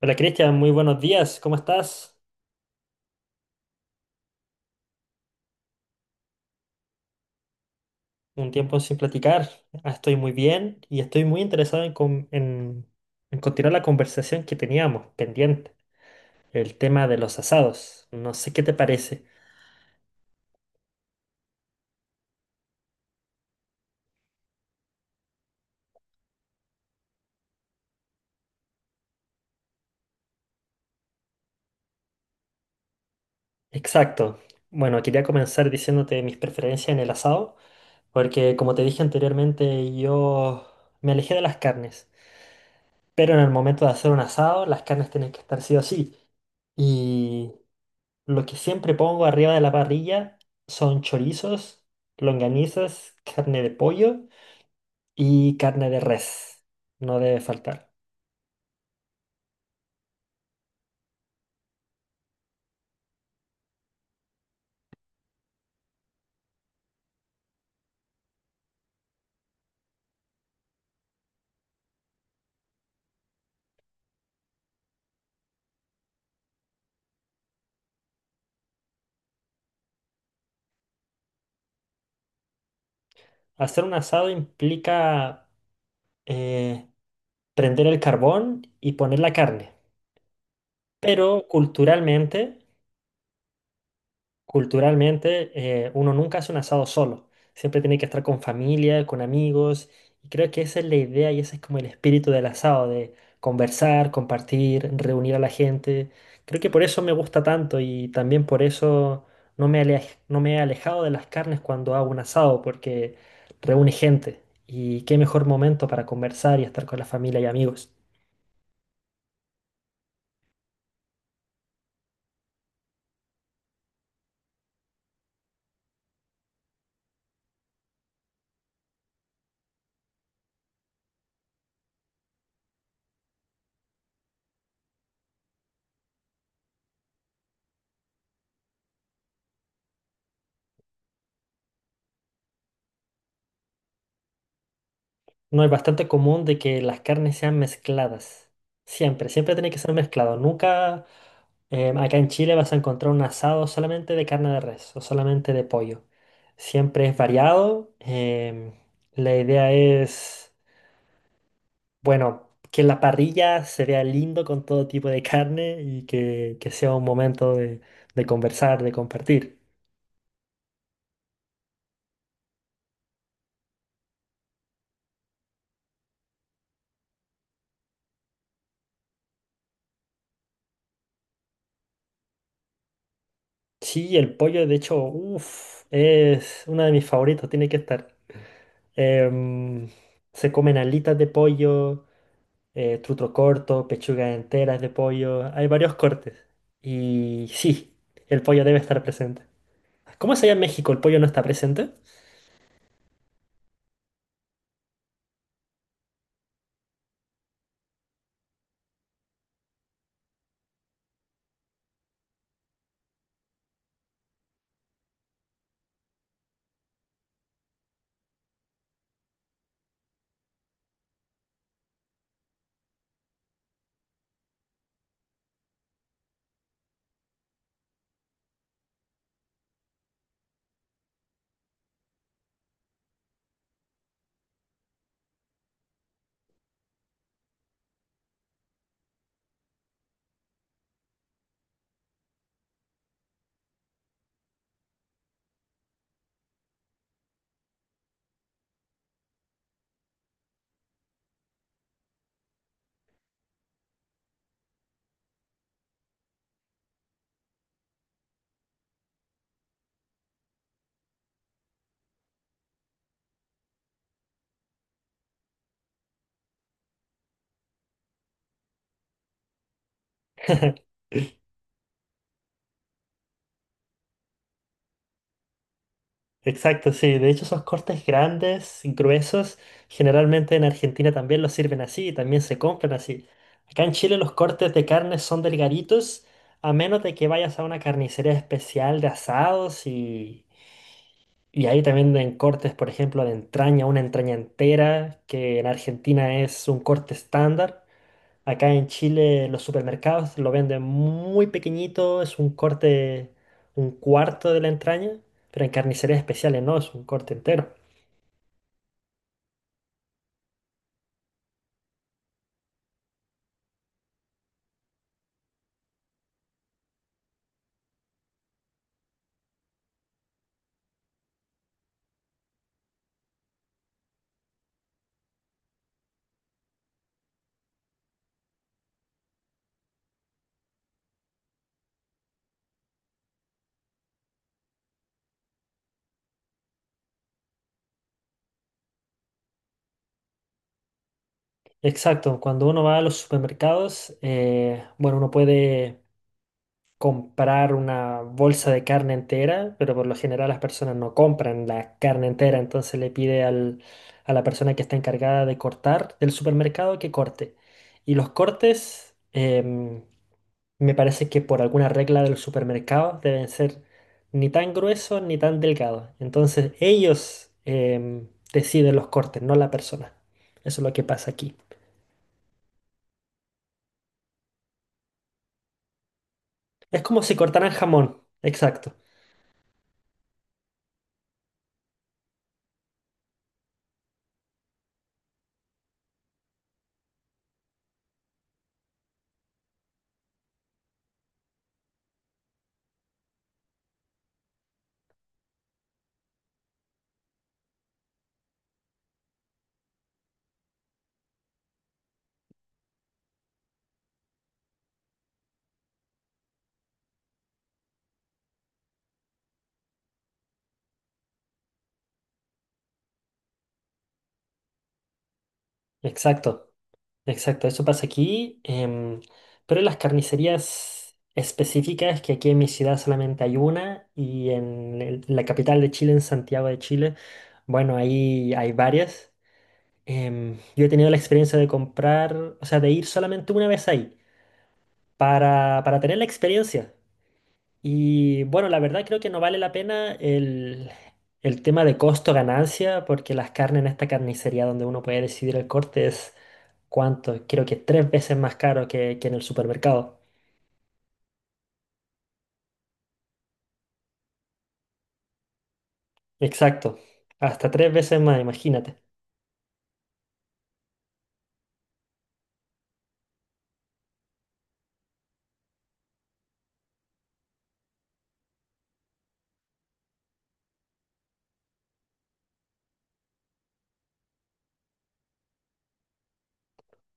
Hola Cristian, muy buenos días, ¿cómo estás? Un tiempo sin platicar. Estoy muy bien y estoy muy interesado en continuar la conversación que teníamos pendiente, el tema de los asados. No sé qué te parece. Exacto. Bueno, quería comenzar diciéndote mis preferencias en el asado, porque como te dije anteriormente, yo me alejé de las carnes, pero en el momento de hacer un asado, las carnes tienen que estar sí o sí. Lo que siempre pongo arriba de la parrilla son chorizos, longanizas, carne de pollo y carne de res. No debe faltar. Hacer un asado implica eh, prender el carbón y poner la carne. Pero culturalmente Culturalmente, uno nunca hace un asado solo. Siempre tiene que estar con familia, con amigos. Y creo que esa es la idea y ese es como el espíritu del asado, de conversar, compartir, reunir a la gente. Creo que por eso me gusta tanto y también por eso no me he alejado de las carnes cuando hago un asado, porque reúne gente. Y qué mejor momento para conversar y estar con la familia y amigos. No, es bastante común de que las carnes sean mezcladas. Siempre, siempre tiene que ser mezclado. Nunca acá en Chile vas a encontrar un asado solamente de carne de res o solamente de pollo. Siempre es variado. La idea es, bueno, que la parrilla se vea lindo con todo tipo de carne y que sea un momento de conversar, de compartir. Sí, el pollo, de hecho, uff, es uno de mis favoritos, tiene que estar. Em, Se comen alitas de pollo, trutro corto, pechugas enteras de pollo. Hay varios cortes. Y sí, el pollo debe estar presente. ¿Cómo es allá en México? ¿El pollo no está presente? Exacto, sí. De hecho, esos cortes grandes, gruesos, generalmente en Argentina también los sirven así y también se compran así. Acá en Chile los cortes de carne son delgaditos, a menos de que vayas a una carnicería especial de asados. Y ahí también en cortes, por ejemplo, de entraña, una entraña entera, que en Argentina es un corte estándar. Acá en Chile los supermercados lo venden muy pequeñito, es un corte, un cuarto de la entraña, pero en carnicerías especiales no, es un corte entero. Exacto, cuando uno va a los supermercados, bueno, uno puede comprar una bolsa de carne entera, pero por lo general las personas no compran la carne entera, entonces a la persona que está encargada de cortar del supermercado que corte. Y los cortes, me parece que por alguna regla del supermercado deben ser ni tan gruesos ni tan delgados. Entonces ellos deciden los cortes, no la persona. Eso es lo que pasa aquí. Es como si cortaran jamón. Exacto, exacto. Exacto, eso pasa aquí, pero en las carnicerías específicas, que aquí en mi ciudad solamente hay una, y en la capital de Chile, en Santiago de Chile, bueno, ahí hay varias. Yo he tenido la experiencia de comprar, o sea, de ir solamente una vez ahí, para tener la experiencia. Y bueno, la verdad creo que no vale la pena el tema de costo-ganancia, porque las carnes en esta carnicería donde uno puede decidir el corte ¿cuánto? Creo que tres veces más caro que en el supermercado. Exacto. Hasta tres veces más, imagínate.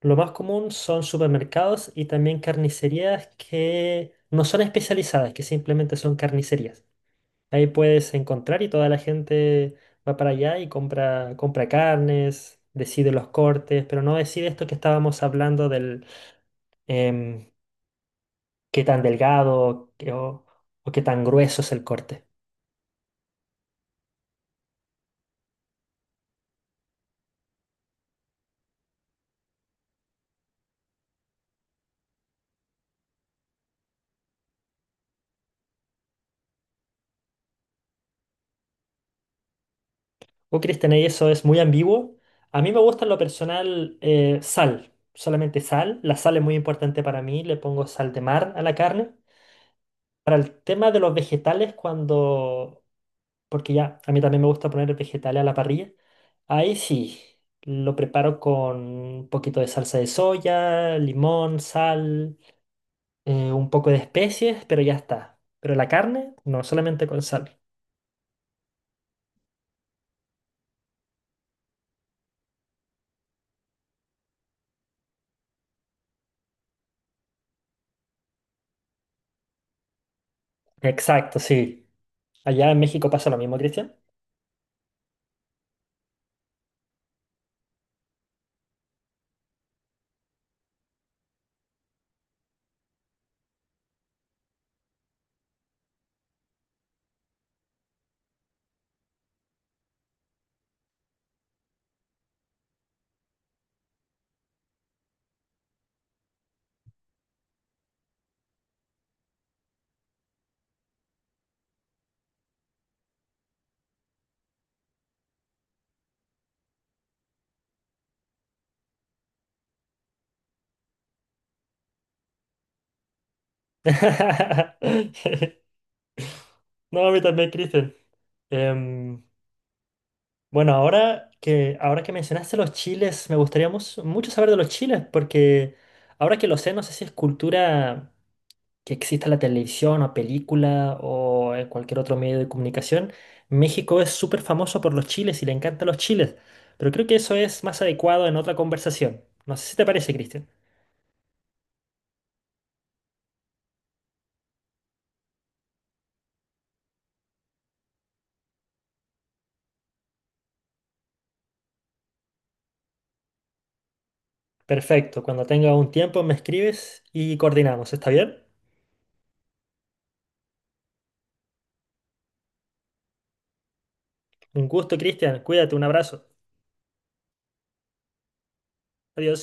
Lo más común son supermercados y también carnicerías que no son especializadas, que simplemente son carnicerías. Ahí puedes encontrar y toda la gente va para allá y compra, compra carnes, decide los cortes, pero no decide esto que estábamos hablando del em, qué tan delgado o qué tan grueso es el corte. Oh, Cristian, y eso es muy ambiguo. A mí me gusta en lo personal sal, solamente sal. La sal es muy importante para mí, le pongo sal de mar a la carne. Para el tema de los vegetales, cuando... Porque ya, a mí también me gusta poner vegetales a la parrilla. Ahí sí, lo preparo con un poquito de salsa de soya, limón, sal, un poco de especies, pero ya está. Pero la carne, no, solamente con sal. Exacto, sí. Allá en México pasa lo mismo, Cristian. No, a mí también, Cristian. Em, bueno, ahora que mencionaste los chiles, me gustaría mucho saber de los chiles, porque ahora que lo sé, no sé si es cultura que exista en la televisión o película o en cualquier otro medio de comunicación. México es súper famoso por los chiles y le encantan los chiles, pero creo que eso es más adecuado en otra conversación. No sé si te parece, Cristian. Perfecto, cuando tenga un tiempo me escribes y coordinamos, ¿está bien? Un gusto, Cristian. Cuídate, un abrazo. Adiós.